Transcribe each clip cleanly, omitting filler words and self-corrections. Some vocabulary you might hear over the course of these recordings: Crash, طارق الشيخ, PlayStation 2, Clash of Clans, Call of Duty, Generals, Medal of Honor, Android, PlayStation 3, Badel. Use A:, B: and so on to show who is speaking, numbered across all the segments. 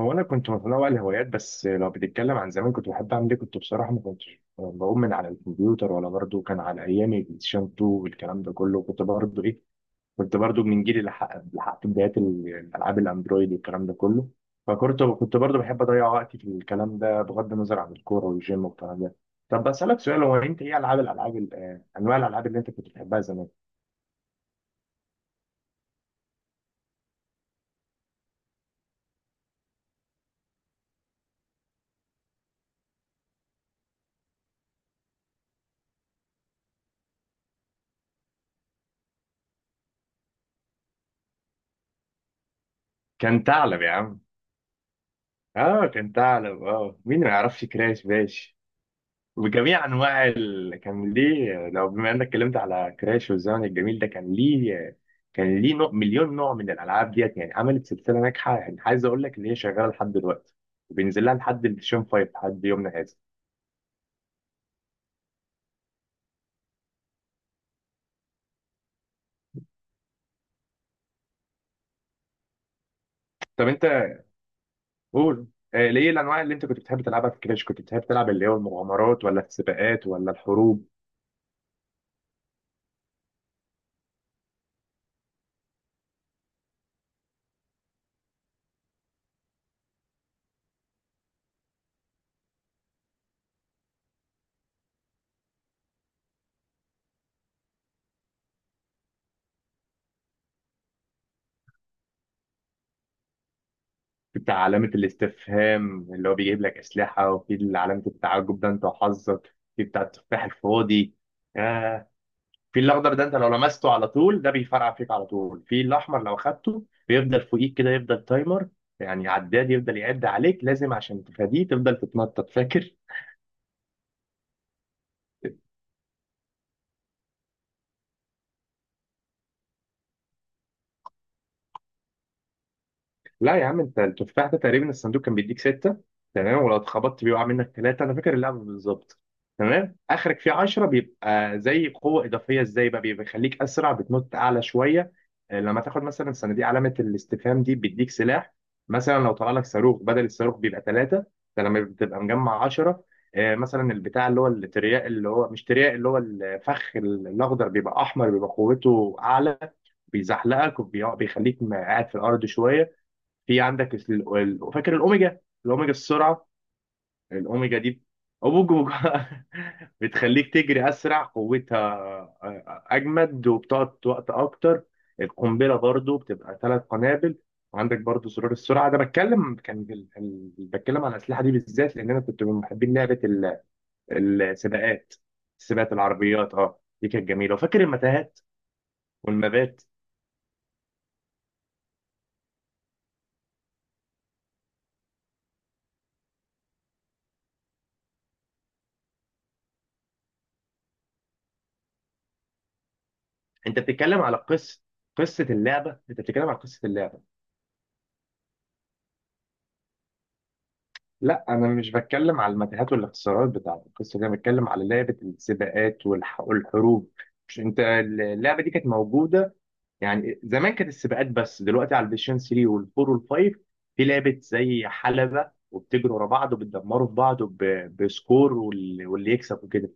A: هو انا كنت متنوع الهوايات، بس لو بتتكلم عن زمان كنت بحب اعمل ايه، كنت بصراحه ما كنتش بقوم من على الكمبيوتر، ولا برضه كان على ايامي بلاي ستيشن 2 والكلام ده كله. كنت برضه ايه، كنت برضه من جيل اللي اللي حققت بدايات الالعاب الاندرويد والكلام ده كله. فكنت برضه بحب اضيع وقتي في الكلام ده بغض النظر عن الكوره والجيم والكلام ده. طب بسالك سؤال، هو انت ايه العاب، الالعاب ال- آه، انواع الالعاب اللي انت كنت بتحبها زمان؟ كان ثعلب يا عم. اه كان ثعلب، اه مين ما يعرفش كراش باش وجميع انواع كان ليه. لو بما انك اتكلمت على كراش والزمن الجميل ده، كان ليه، كان ليه نوع، مليون نوع من الالعاب ديت، يعني عملت سلسله ناجحه. يعني عايز اقول لك ان هي شغاله لحد دلوقتي وبينزل لها لحد الشين فايف لحد يومنا هذا. طب انت قول. ليه الانواع اللي انت كنت بتحب تلعبها في كراش؟ كنت بتحب تلعب اللي هو المغامرات ولا السباقات ولا الحروب؟ بتاع علامه الاستفهام اللي هو بيجيب لك اسلحه، وفي علامه التعجب ده انت وحظك في بتاع التفاح الفاضي. آه، في الاخضر ده انت لو لمسته على طول، ده بيفرقع فيك على طول. في الاحمر لو خدته بيفضل فوقيك كده، يفضل تايمر، يعني عداد يفضل يعد عليك لازم عشان تفاديه تفضل تتنطط، فاكر؟ لا يا عم، انت التفاح ده تقريبا الصندوق كان بيديك ستة. تمام، ولو اتخبطت بيه وقع منك ثلاثة، انا فاكر اللعبة بالظبط. تمام. اخرك فيه 10 بيبقى زي قوة اضافية. ازاي بقى؟ بيبقى بيخليك اسرع، بتنط اعلى شوية. لما تاخد مثلا صناديق علامة الاستفهام دي، بيديك سلاح. مثلا لو طلع لك صاروخ، بدل الصاروخ بيبقى ثلاثة ده لما بتبقى مجمع 10. مثلا البتاع اللي هو الترياق، اللي هو مش ترياق، اللي هو الفخ الاخضر بيبقى احمر، بيبقى قوته اعلى، بيزحلقك وبيخليك قاعد في الارض شوية. في عندك فاكر الاوميجا؟ الاوميجا السرعه. الاوميجا دي، أبوج وج- بتخليك تجري اسرع، قوتها اجمد وبتقعد وقت اكتر. القنبله برضو بتبقى ثلاث قنابل. وعندك برضو زرار السرعه ده. بتكلم كان ال- ال- بتكلم عن الاسلحه دي بالذات لان انا كنت من محبين لعبه السباقات، سباقات العربيات. اه دي كانت جميله، وفاكر المتاهات والمبات. انت بتتكلم على قصه؟ قصه اللعبه؟ انت بتتكلم على قصه اللعبه؟ لا انا مش بتكلم على المتاهات والاختصارات بتاعت القصه دي، انا بتكلم على لعبه السباقات والحروب. مش انت اللعبه دي كانت موجوده؟ يعني زمان كانت السباقات، بس دلوقتي على البلايستيشن 3 وال4 وال5 في لعبه زي حلبه، وبتجروا ورا بعض وبتدمروا في بعض بسكور، واللي يكسب وكده.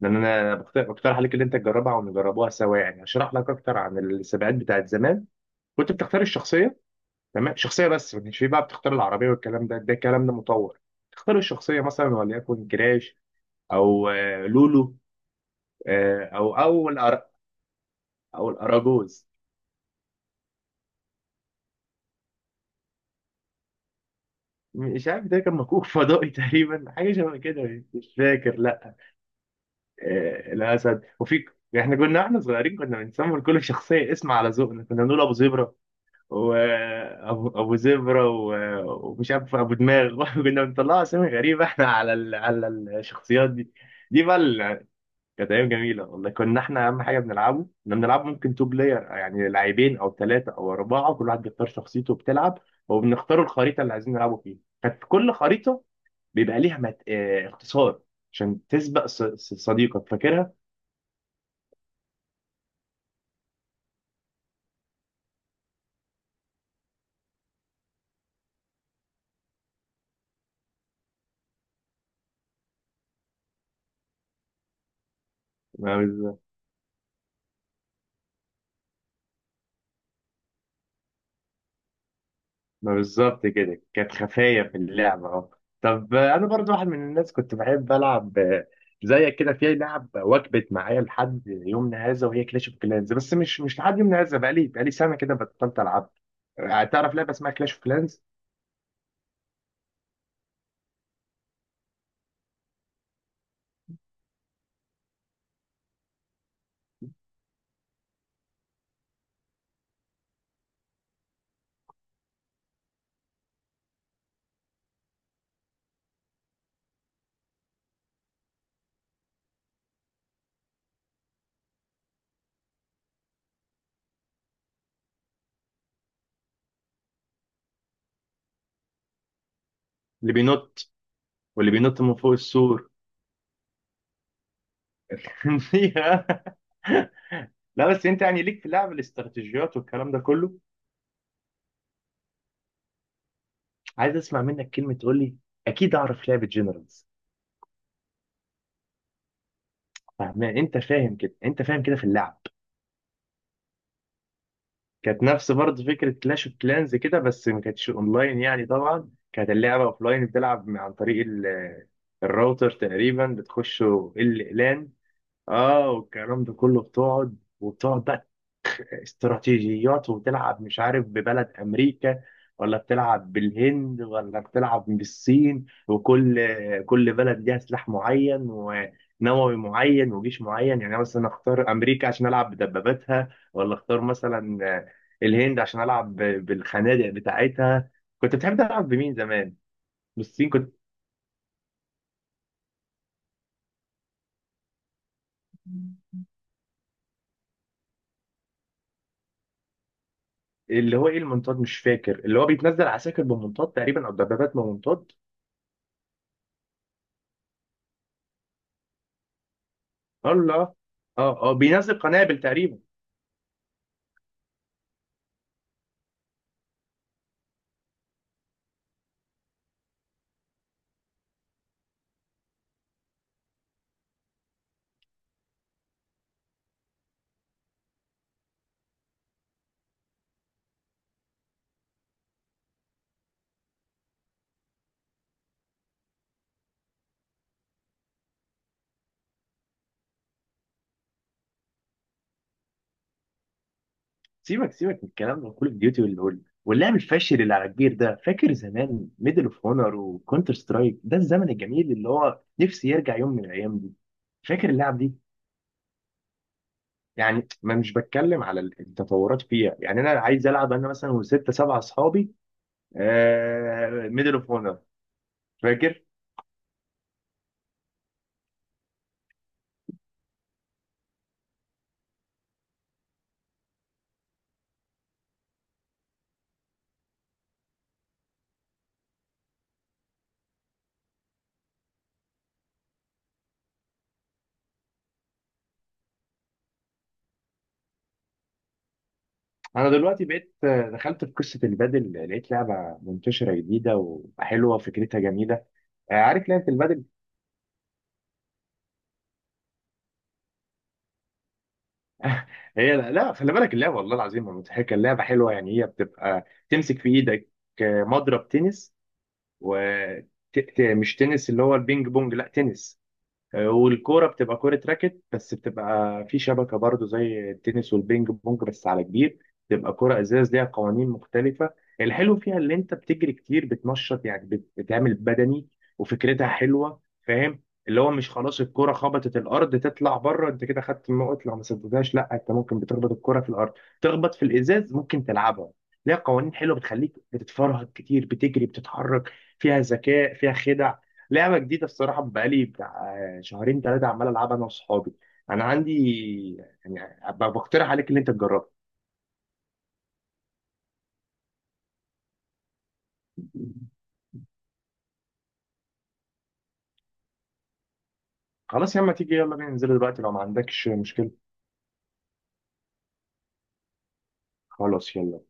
A: لان انا بقترح عليك اللي انت تجربها ونجربوها سوا. يعني اشرح لك اكتر عن السباقات بتاعت زمان. كنت بتختار الشخصيه، تمام، شخصيه بس، ما كانش فيه بقى بتختار العربيه والكلام ده، ده الكلام ده مطور. تختار الشخصيه مثلا وليكن جراش، او لولو، آه، او او الأر... او الاراجوز. مش عارف، ده كان مكوك فضائي تقريبا، حاجه شبه كده يعني. مش فاكر لا. الاسد. وفي، احنا كنا احنا صغيرين كنا بنسمي لكل شخصيه اسم على ذوقنا. كنا نقول ابو زبره، وابو ابو أبو زبره ومش عارف ابو دماغ كنا بنطلع اسامي غريبه احنا على على الشخصيات دي. دي بقى كانت ايام جميله والله. كنا احنا اهم حاجه بنلعبه، كنا بنلعب ممكن تو بلاير، يعني لاعبين او ثلاثه او اربعه. كل واحد بيختار شخصيته وبتلعب، وبنختار الخريطه اللي عايزين نلعبه فيها. كانت كل خريطه بيبقى ليها اختصار عشان تسبق صديقك، فاكرها؟ ما بالظبط كده كانت خفاية في اللعبة، اه. طب أنا برضو واحد من الناس كنت بحب ألعب زيك كده، في لعب وجبت معايا لحد يومنا هذا وهي كلاش اوف كلانز. بس مش لحد يومنا هذا، بقالي سنة كده بطلت ألعب. تعرف لعبة اسمها كلاش اوف كلانز؟ اللي بينط، واللي بينط من فوق السور. فيها. لا بس أنت يعني ليك في لعب الاستراتيجيات والكلام ده كله. عايز أسمع منك كلمة تقول لي أكيد أعرف لعبة جنرالز. فاهم أنت، فاهم كده أنت، فاهم كده في اللعب. كانت نفس برضه فكرة كلاش اوف كلانز كده، بس ما كانتش اونلاين. يعني طبعا كانت اللعبة اوفلاين، بتلعب عن طريق الراوتر تقريبا، بتخش لان. اه والكلام ده كله، بتقعد، وبتقعد بقى استراتيجيات وبتلعب، مش عارف، ببلد امريكا، ولا بتلعب بالهند، ولا بتلعب بالصين. وكل، كل بلد ليها سلاح معين، ونووي معين، وجيش معين. يعني أنا مثلا اختار امريكا عشان العب بدباباتها، ولا اختار مثلا الهند عشان العب بالخنادق بتاعتها. كنت بتحب تلعب بمين زمان؟ بالصين كنت. اللي هو ايه المنطاد؟ مش فاكر، اللي هو بيتنزل عساكر بمنطاد تقريبا، او دبابات بمنطاد. الله. اه اه بينزل قنابل تقريبا. سيبك سيبك من الكلام ده، كول اوف ديوتي واللعب الفاشل اللي على كبير ده. فاكر زمان ميدل اوف هونر وكونتر سترايك؟ ده الزمن الجميل اللي هو نفسي يرجع يوم من الايام دي. فاكر اللعب دي؟ يعني ما مش بتكلم على التطورات فيها، يعني انا عايز العب انا مثلا وستة سبعة اصحابي. آه ميدل اوف هونر، فاكر؟ انا دلوقتي بقيت، دخلت في قصه البادل، لقيت لعبه منتشره جديده وحلوه فكرتها جميله. عارف لعبه البادل؟ هي لا لا، خلي بالك، اللعبه والله العظيم مضحكه، اللعبه حلوه. يعني هي بتبقى تمسك في ايدك مضرب تنس. و مش تنس اللي هو البينج بونج، لا تنس. والكوره بتبقى كوره راكت، بس بتبقى في شبكه برضو زي التنس والبينج بونج، بس على كبير. بتبقى كوره ازاز، ليها قوانين مختلفه. الحلو فيها اللي انت بتجري كتير، بتنشط يعني، بتعمل بدني. وفكرتها حلوه، فاهم؟ اللي هو مش خلاص الكوره خبطت الارض تطلع بره، انت كده خدت النقط لو ما سددتهاش. لا انت ممكن بتخبط الكوره في الارض تخبط في الازاز، ممكن تلعبها. ليها قوانين حلوه بتخليك بتتفرهد كتير، بتجري بتتحرك. فيها ذكاء، فيها خدع. لعبة جديدة الصراحة، بقالي بتاع شهرين ثلاثة عمال ألعبها أنا وصحابي. أنا عندي، يعني بقترح عليك اللي أنت تجربه. خلاص يا اما تيجي، يلا بينا ننزل دلوقتي لو ما عندكش مشكلة. خلاص يلا.